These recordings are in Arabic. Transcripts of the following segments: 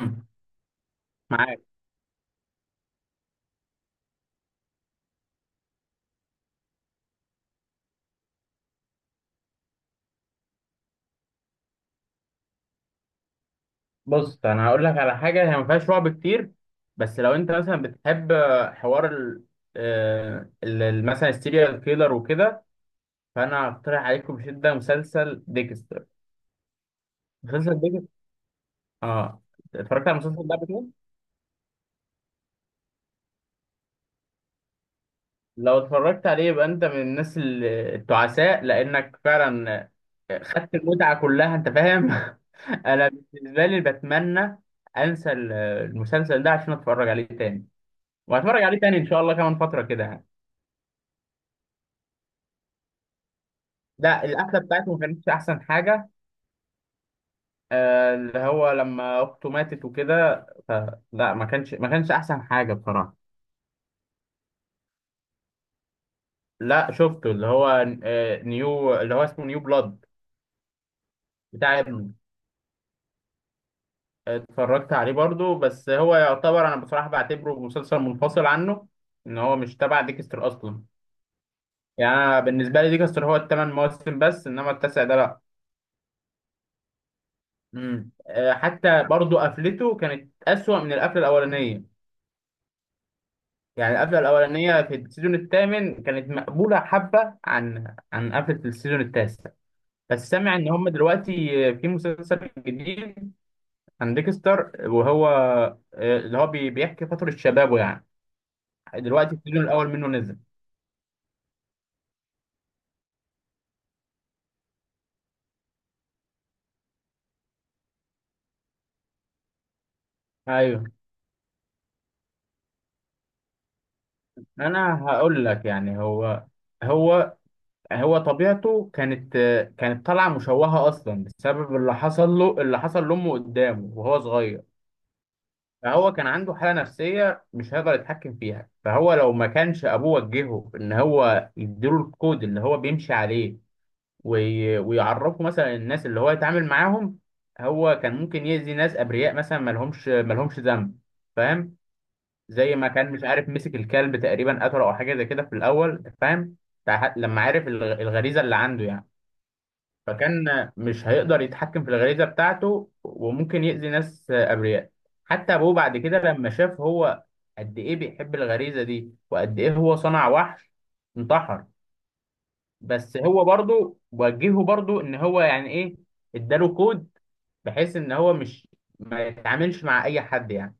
مم. معاك. بص انا هقول لك على حاجه هي ما فيهاش رعب كتير. بس لو انت مثلا بتحب حوار ال آه، ال- ال- مثلا السيريال كيلر وكده. فانا هقترح عليكم بشده مسلسل ديكستر. مسلسل ديكستر، اه. اتفرجت على المسلسل ده قبل كده. لو اتفرجت عليه يبقى انت من الناس التعساء، لانك فعلا خدت المتعه كلها، انت فاهم. انا بالنسبه لي بتمنى انسى المسلسل ده عشان اتفرج عليه تاني. وهتفرج عليه تاني ان شاء الله كمان فتره كده يعني. لا القفله بتاعته ما كانتش احسن حاجه. اللي هو لما اخته ماتت وكده لا ما كانش احسن حاجه بصراحه. لا شفته اللي هو نيو، اللي هو اسمه نيو بلاد، بتاع ابنه. اتفرجت عليه برضو، بس هو يعتبر، انا بصراحه بعتبره مسلسل منفصل عنه. ان هو مش تبع ديكستر اصلا. يعني انا بالنسبه لي ديكستر هو الثمان مواسم بس، انما التاسع ده لا. مم. حتى برضو قفلته كانت اسوأ من القفله الاولانيه. يعني القفله الاولانيه في السيزون الثامن كانت مقبوله حبه عن قفله السيزون التاسع. بس سامع ان هم دلوقتي في مسلسل جديد عن ديكستر، وهو اللي هو بيحكي فتره شبابه يعني. دلوقتي السيزون الاول منه نزل. ايوه. انا هقول لك، يعني هو هو طبيعته كانت كانت طالعه مشوهه اصلا بسبب اللي حصل له، اللي حصل لامه قدامه وهو صغير. فهو كان عنده حالة نفسية مش هيقدر يتحكم فيها. فهو لو ما كانش أبوه وجهه إن هو يديله الكود اللي هو بيمشي عليه ويعرفه مثلا الناس اللي هو يتعامل معاهم، هو كان ممكن يأذي ناس أبرياء مثلا مالهمش ذنب، فاهم؟ زي ما كان مش عارف مسك الكلب تقريبا قتله أو حاجة زي كده في الأول، فاهم؟ لما عرف الغريزة اللي عنده يعني، فكان مش هيقدر يتحكم في الغريزة بتاعته وممكن يأذي ناس أبرياء. حتى أبوه بعد كده لما شاف هو قد إيه بيحب الغريزة دي وقد إيه هو صنع وحش، انتحر. بس هو برضو وجهه برضو إن هو، يعني إيه، إداله كود، بحيث إن هو مش، ما يتعاملش مع أي حد يعني.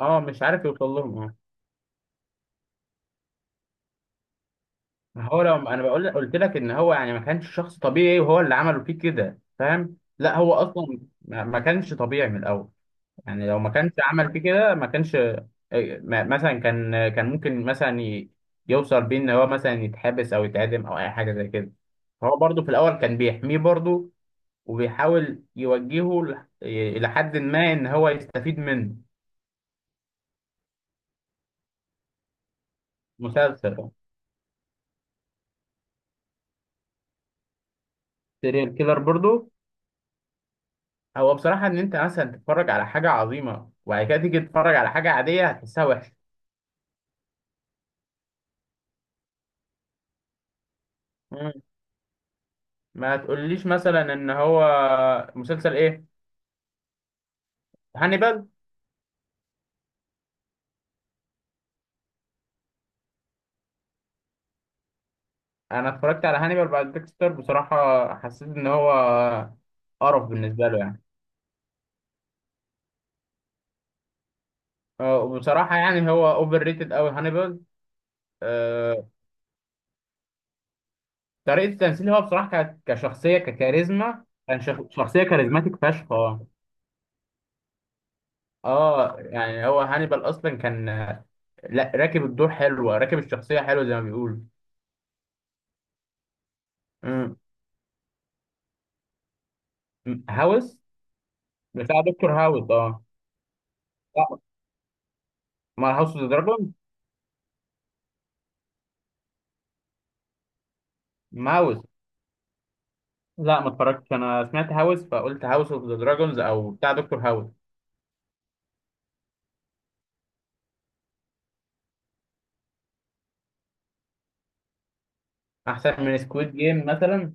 أه، مش عارف يوصل لهم، أه. ما هو لو أنا بقول، قلت لك إن هو يعني ما كانش شخص طبيعي وهو اللي عمله فيه كده، فاهم؟ لا هو أصلا ما كانش طبيعي من الأول. يعني لو ما كانش عمل فيه كده ما كانش مثلا كان ممكن مثلا يوصل بيه ان هو مثلا يتحبس او يتعدم او اي حاجه زي كده. فهو برضه في الاول كان بيحميه برضه، وبيحاول يوجهه الى حد ما ان هو يستفيد منه. مسلسل. سيريال كيلر برضه. هو بصراحه، ان انت مثلا تتفرج على حاجه عظيمه وبعد كده تيجي تتفرج على حاجه عاديه، هتحسها وحشه. مم. ما تقوليش مثلا ان هو مسلسل ايه. هانيبال. انا اتفرجت على هانيبال بعد ديكستر، بصراحه حسيت ان هو قرف بالنسبه له يعني. وبصراحه يعني هو اوفر ريتد قوي هانيبال. آه، طريقه التمثيل، هو بصراحه كشخصيه ككاريزما كان شخصيه كاريزماتيك فشخ، اه. اه يعني هو هانيبال اصلا كان لا، راكب الدور حلوه، راكب الشخصيه حلوه زي ما بيقولوا. مم. هاوس؟ بتاع دكتور هاوس؟ اه. لا، ما هاوس اوف ذا دراجون. لا ما اتفرجتش، انا سمعت هاوس فقلت هاوس اوف ذا دراجونز او بتاع دكتور هاوس. احسن من سكويد جيم مثلا؟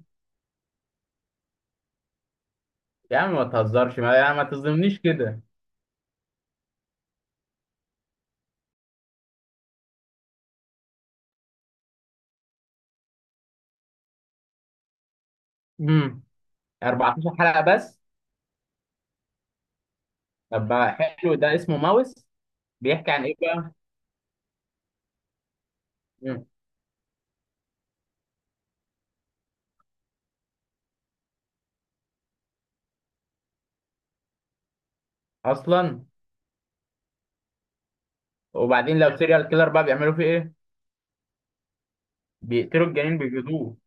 يا عم ما تهزرش، ما، يا عم ما تظلمنيش كده. امم. 14 حلقة بس؟ طب بقى حلو، ده اسمه ماوس. بيحكي عن ايه بقى؟ مم. اصلا. وبعدين لو سيريال كيلر بقى بيعملوا فيه ايه. بيقتلوا الجنين، بيجلدوه.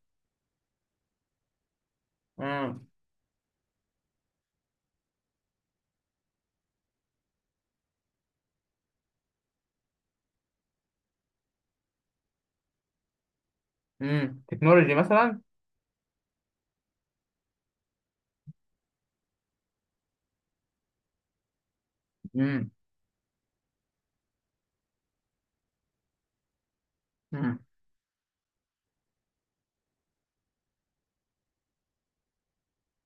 امم. امم، تكنولوجي مثلا. امم. امم.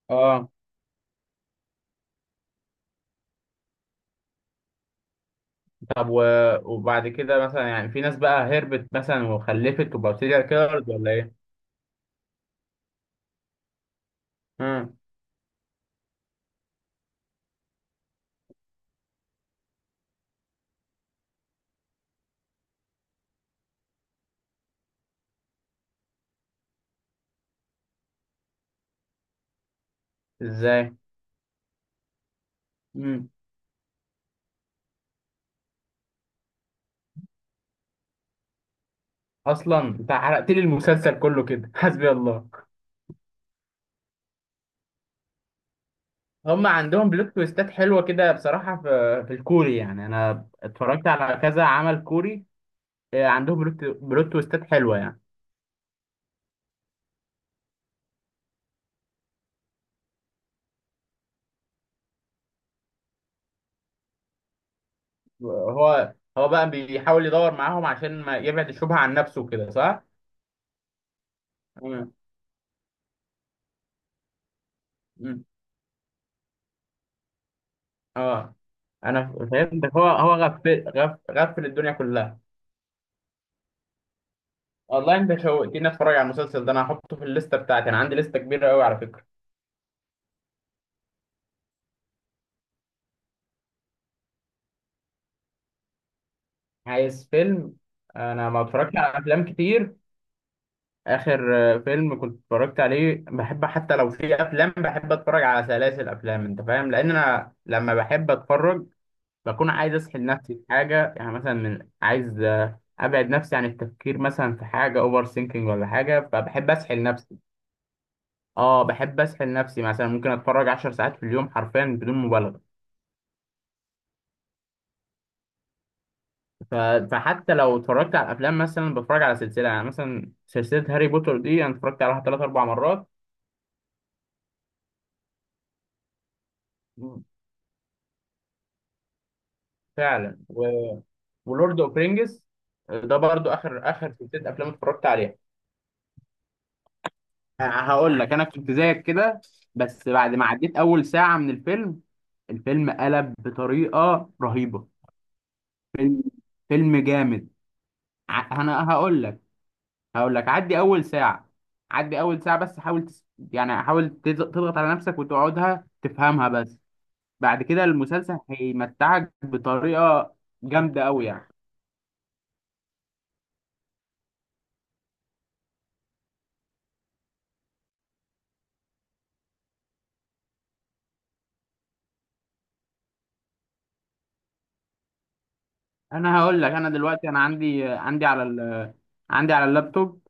اه. طب و... وبعد كده مثلا يعني في ناس بقى هربت مثلا وخلفت وبقوا سيريال كيلرز ولا؟ ايه. ازاي؟ امم. اصلا انت حرقت لي المسلسل كله كده. حسبي الله. هم عندهم بلوت تويستات حلوه كده بصراحه في الكوري، يعني انا اتفرجت على كذا عمل كوري. عندهم بلوت تويستات حلوه يعني. هو بقى بيحاول يدور معاهم عشان ما يبعد الشبهه عن نفسه كده، صح؟ امم. امم. اه. انا فهمت، هو غفل غفل الدنيا كلها. والله انت شوقتني اتفرج على المسلسل ده. انا هحطه في الليسته بتاعتي، انا عندي لسته كبيره قوي على فكره. عايز فيلم. انا ما اتفرجتش على افلام كتير. اخر فيلم كنت اتفرجت عليه بحب، حتى لو في افلام بحب اتفرج على سلاسل افلام، انت فاهم، لان انا لما بحب اتفرج بكون عايز اسحل نفسي في حاجه، يعني مثلا من عايز ابعد نفسي عن التفكير مثلا في حاجه اوفر ثينكينج ولا حاجه، فبحب اسحل نفسي. اه، بحب اسحل نفسي، مثلا ممكن اتفرج 10 ساعات في اليوم حرفيا بدون مبالغه. ف- فحتى لو اتفرجت على الافلام مثلا بتفرج على سلسله، يعني مثلا سلسله هاري بوتر دي انا اتفرجت عليها ثلاث اربع مرات. فعلا و... ولورد اوف رينجز ده برضو اخر سلسله افلام اتفرجت عليها. هقول لك انا كنت زيك كده، بس بعد ما عديت اول ساعه من الفيلم، الفيلم قلب بطريقه رهيبه. فيلم جامد. انا هقول لك، هقول لك عدي اول ساعه، عدي اول ساعه بس، حاول يعني حاول تضغط على نفسك وتقعدها تفهمها بس، بعد كده المسلسل هيمتعك بطريقه جامده قوي يعني. انا هقول لك، انا دلوقتي انا عندي على عندي على اللابتوب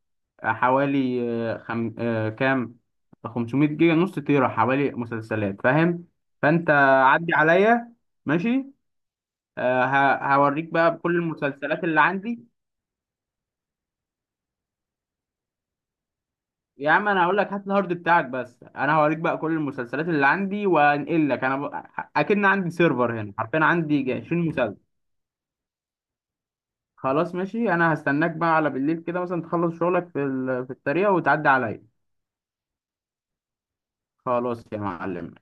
حوالي آه، خم... آه، كام، 500 جيجا، نص تيرا، حوالي مسلسلات فاهم. فانت عدي عليا. ماشي، هوريك بقى كل المسلسلات اللي عندي. يا عم انا هقول لك هات الهارد بتاعك بس، انا هوريك بقى كل المسلسلات اللي عندي وانقل لك. انا اكن عندي سيرفر هنا، حرفيا عندي 20 مسلسل. خلاص ماشي. انا هستناك بقى على بالليل كده مثلا تخلص شغلك في في الطريق وتعدي عليا. خلاص يا معلم.